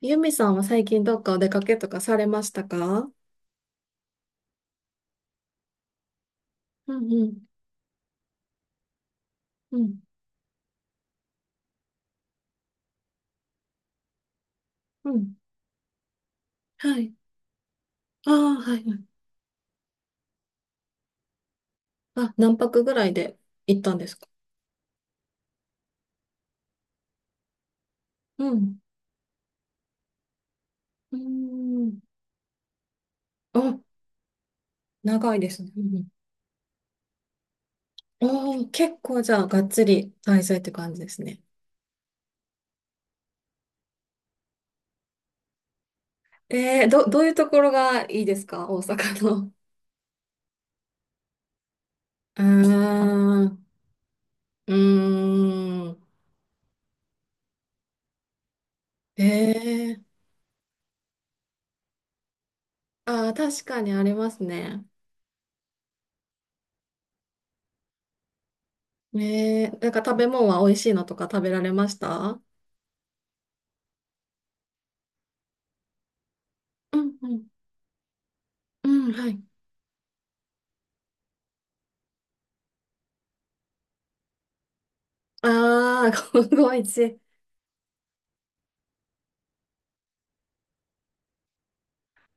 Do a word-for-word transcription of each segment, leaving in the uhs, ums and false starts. ゆみさんは最近どっかお出かけとかされましたか？うんうん、うん、うん。はい。ああ、はい。はい。あ、何泊ぐらいで行ったんですか？うん。うーん。あ、長いですね。うんうん。ああ、結構じゃあ、がっつり滞在って感じですね。えー、ど、どういうところがいいですか大阪の？あー。ん、うーん。えー、あー、確かにありますね。えー、なんか食べ物は美味しいのとか食べられました？うんうんうん、はい。ああ、ごーごーいち。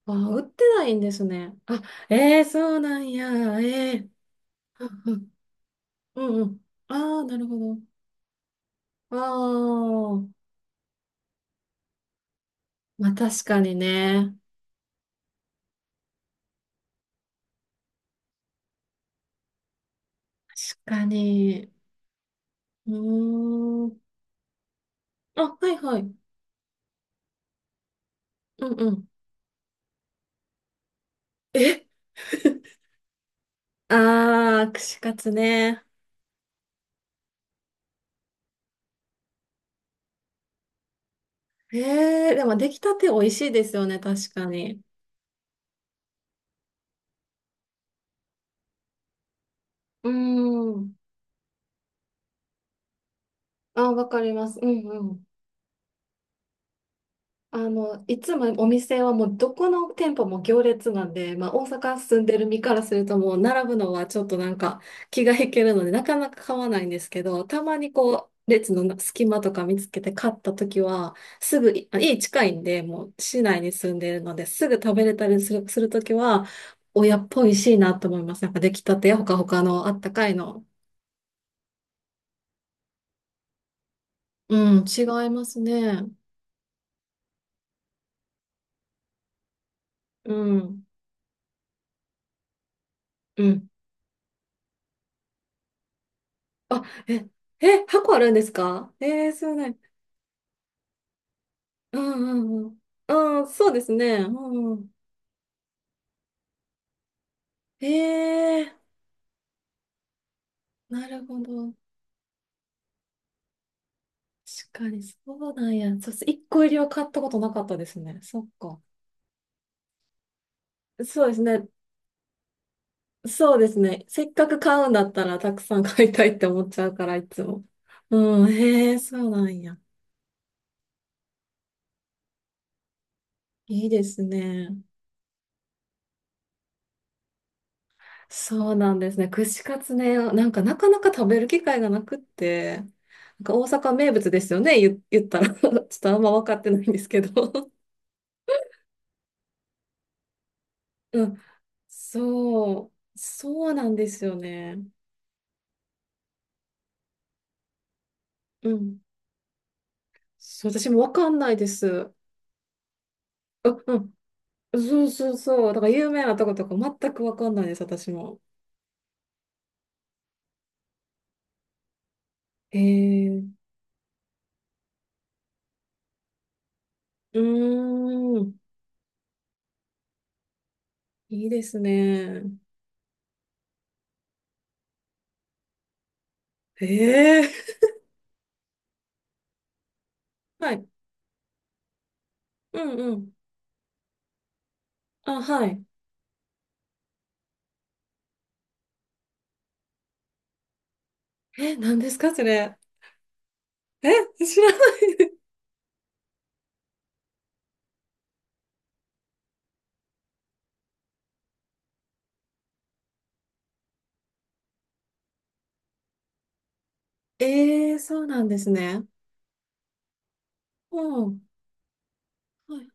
あー、売ってないんですね。あ、ええーそうなんや。ええー。うんうん。うんうん。ああ、なるほど。ああ、まあ確かにね。確かに。うーん。あ、はいはい。うんうん。え。 ああ、串カツね。ええ、でも出来たて美味しいですよね、確かに。うーん。あ、わかります。うん。あの、いつもお店はもうどこの店舗も行列なんで、まあ大阪住んでる身からするともう並ぶのはちょっとなんか気が引けるのでなかなか買わないんですけど、たまにこう列の隙間とか見つけて買った時はすぐい、い家近いんでもう市内に住んでるのですぐ食べれたりする、する時は親っぽいしいなと思います。なんか出来たてやほかほかのあったかいの。うん、違いますね。うん、うん。あ、え、え、箱あるんですか？えー、そうね。うんうんうん。ああ、そうですね。うんうん。へえ、なるほど。確かに、そうなんや。そう、一個入りは買ったことなかったですね。そっか。そうですね。そうですね。せっかく買うんだったら、たくさん買いたいって思っちゃうから、いつも。うん、へえ、そうなんや。いいですね。そうなんですね。串カツね、なんかなかなか食べる機会がなくって、なんか大阪名物ですよね、言、言ったら。ちょっとあんま分かってないんですけど。うん。そう、そうなんですよね。うん。そう、私もわかんないです。う、うん。そうそうそう。だから有名なとことか全くわかんないです、私も。へえ。うーん。いいですね。へえ。はい。うんうん。あ、はい。え、何ですか、それ？え、知らない。ええ、そうなんですね。うん。はい。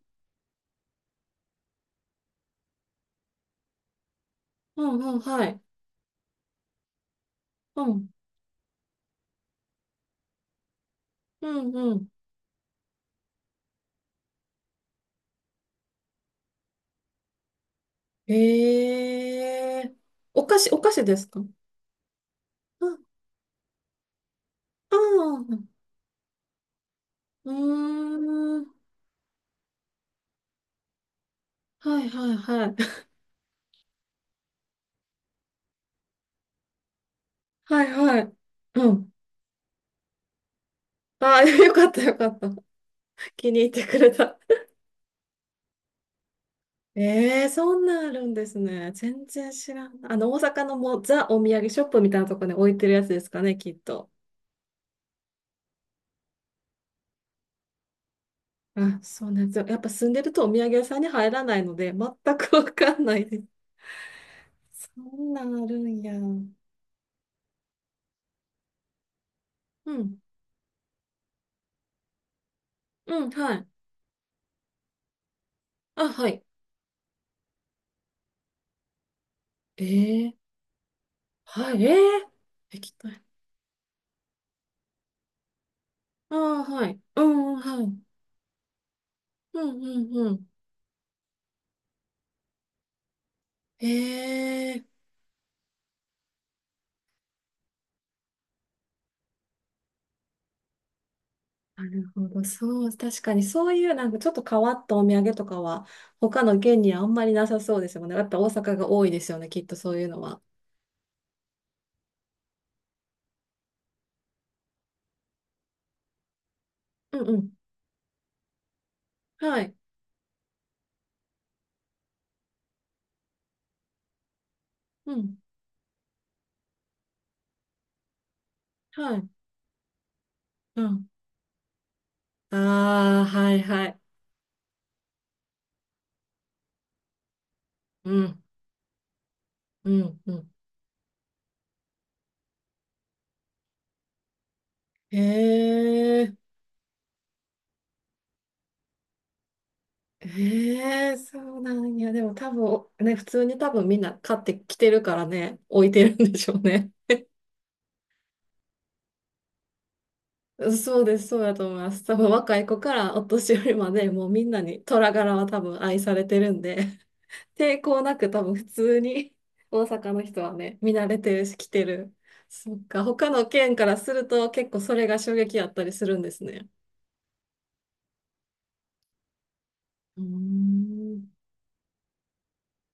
うんうん、はい。うん。うんうん。ええ。お菓子、お菓子ですか？ああ、うーん。はいはいはい。はいはい。うん。ああ、よかったよかった。気に入ってくれた。ええ、そんなんあるんですね。全然知らん。あの、大阪のもうザお土産ショップみたいなところに置いてるやつですかね、きっと。あ、そうなんですよ。やっぱ住んでるとお土産屋さんに入らないので、全くわかんないです。そんなんあるんや。うん。うん、はい。あ、はい。ええ、はい。ええ。液体。ああ、はい。うん、うんはい。うんうんうん。へえ。なるほど。そう、確かにそういうなんかちょっと変わったお土産とかは他の県にはあんまりなさそうですよね。だって大阪が多いですよね、きっとそういうのは。うんうん。はい。うん。はい。うん。ああ、はいはい。うん。うんうん。へえ。へえ、そうなんや。でも多分、ね、普通に多分みんな買ってきてるからね、置いてるんでしょうね。そうです、そうだと思います。多分若い子からお年寄りまでもうみんなに虎柄は多分愛されてるんで、抵抗なく多分普通に大阪の人はね、見慣れてるし来てる。そっか、他の県からすると結構それが衝撃やったりするんですね。うーん。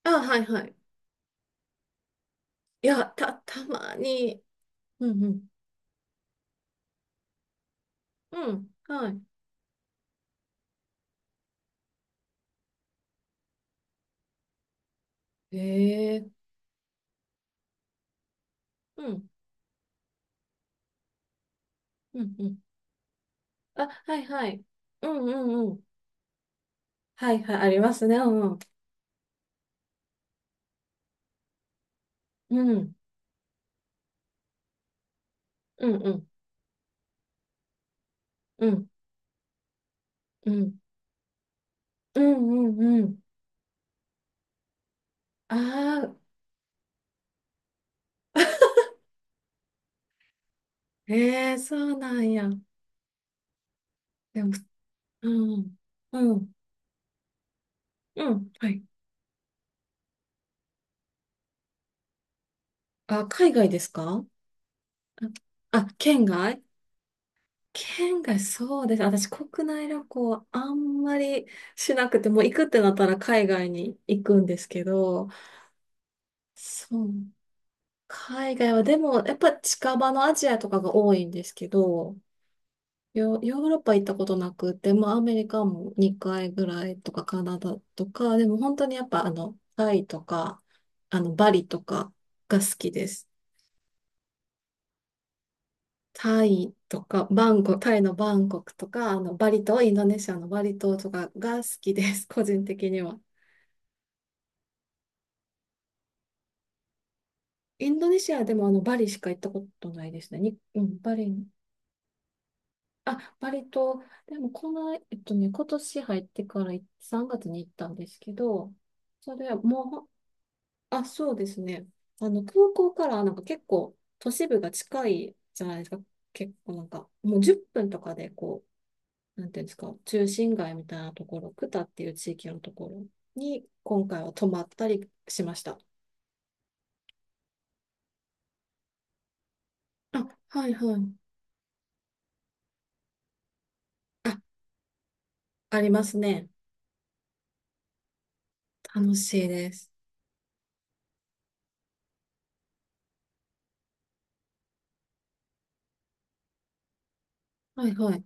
あ、はいはい。いや、た、たまに。うんうん。うん、はい。へえ。うん、うん、うん。あ、はいはい。うんうんうん。はいはい、ありますね。うんうん。うん、うんうん。うん、うん、うん、うん、うん。ああ。ええ、そうなんや。でも、うん、うん、うん、はい。あ、海外ですか？あ、あ県外県外、そうです。私、国内旅行はあんまりしなくて、もう行くってなったら海外に行くんですけど、そう。海外は、でも、やっぱ近場のアジアとかが多いんですけど、ヨ、ヨーロッパ行ったことなくて、まあアメリカもにかいぐらいとかカナダとか、でも本当にやっぱあの、タイとか、あの、バリとかが好きです。タイとか、バンコク、タイのバンコクとか、あの、バリ島、インドネシアのバリ島とかが好きです、個人的には。インドネシアでもあの、バリしか行ったことないですね。に、うん、バリ、あ、バリ島、でもこの、えっとね、今年入ってからさんがつに行ったんですけど、それはもう。ほあ、そうですね。あの、空港からなんか結構都市部が近いじゃないですか。結構なんか、もうじゅっぷんとかでこう、なんていうんですか、中心街みたいなところ、クタっていう地域のところに今回は泊まったりしました。あ、はいはい。あ、ありますね。楽しいです。はいはい。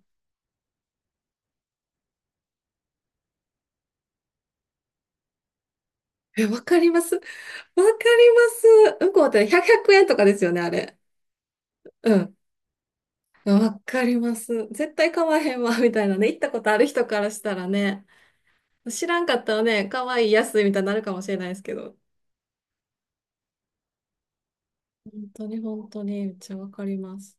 え、わかります。わかります。向こうってひゃく、円とかですよね、あれ。うん。わかります。絶対買わへんわ、みたいなね。行ったことある人からしたらね。知らんかったらね、かわいい、安いみたいになるかもしれないですけど。本当に本当に、めっちゃわかります。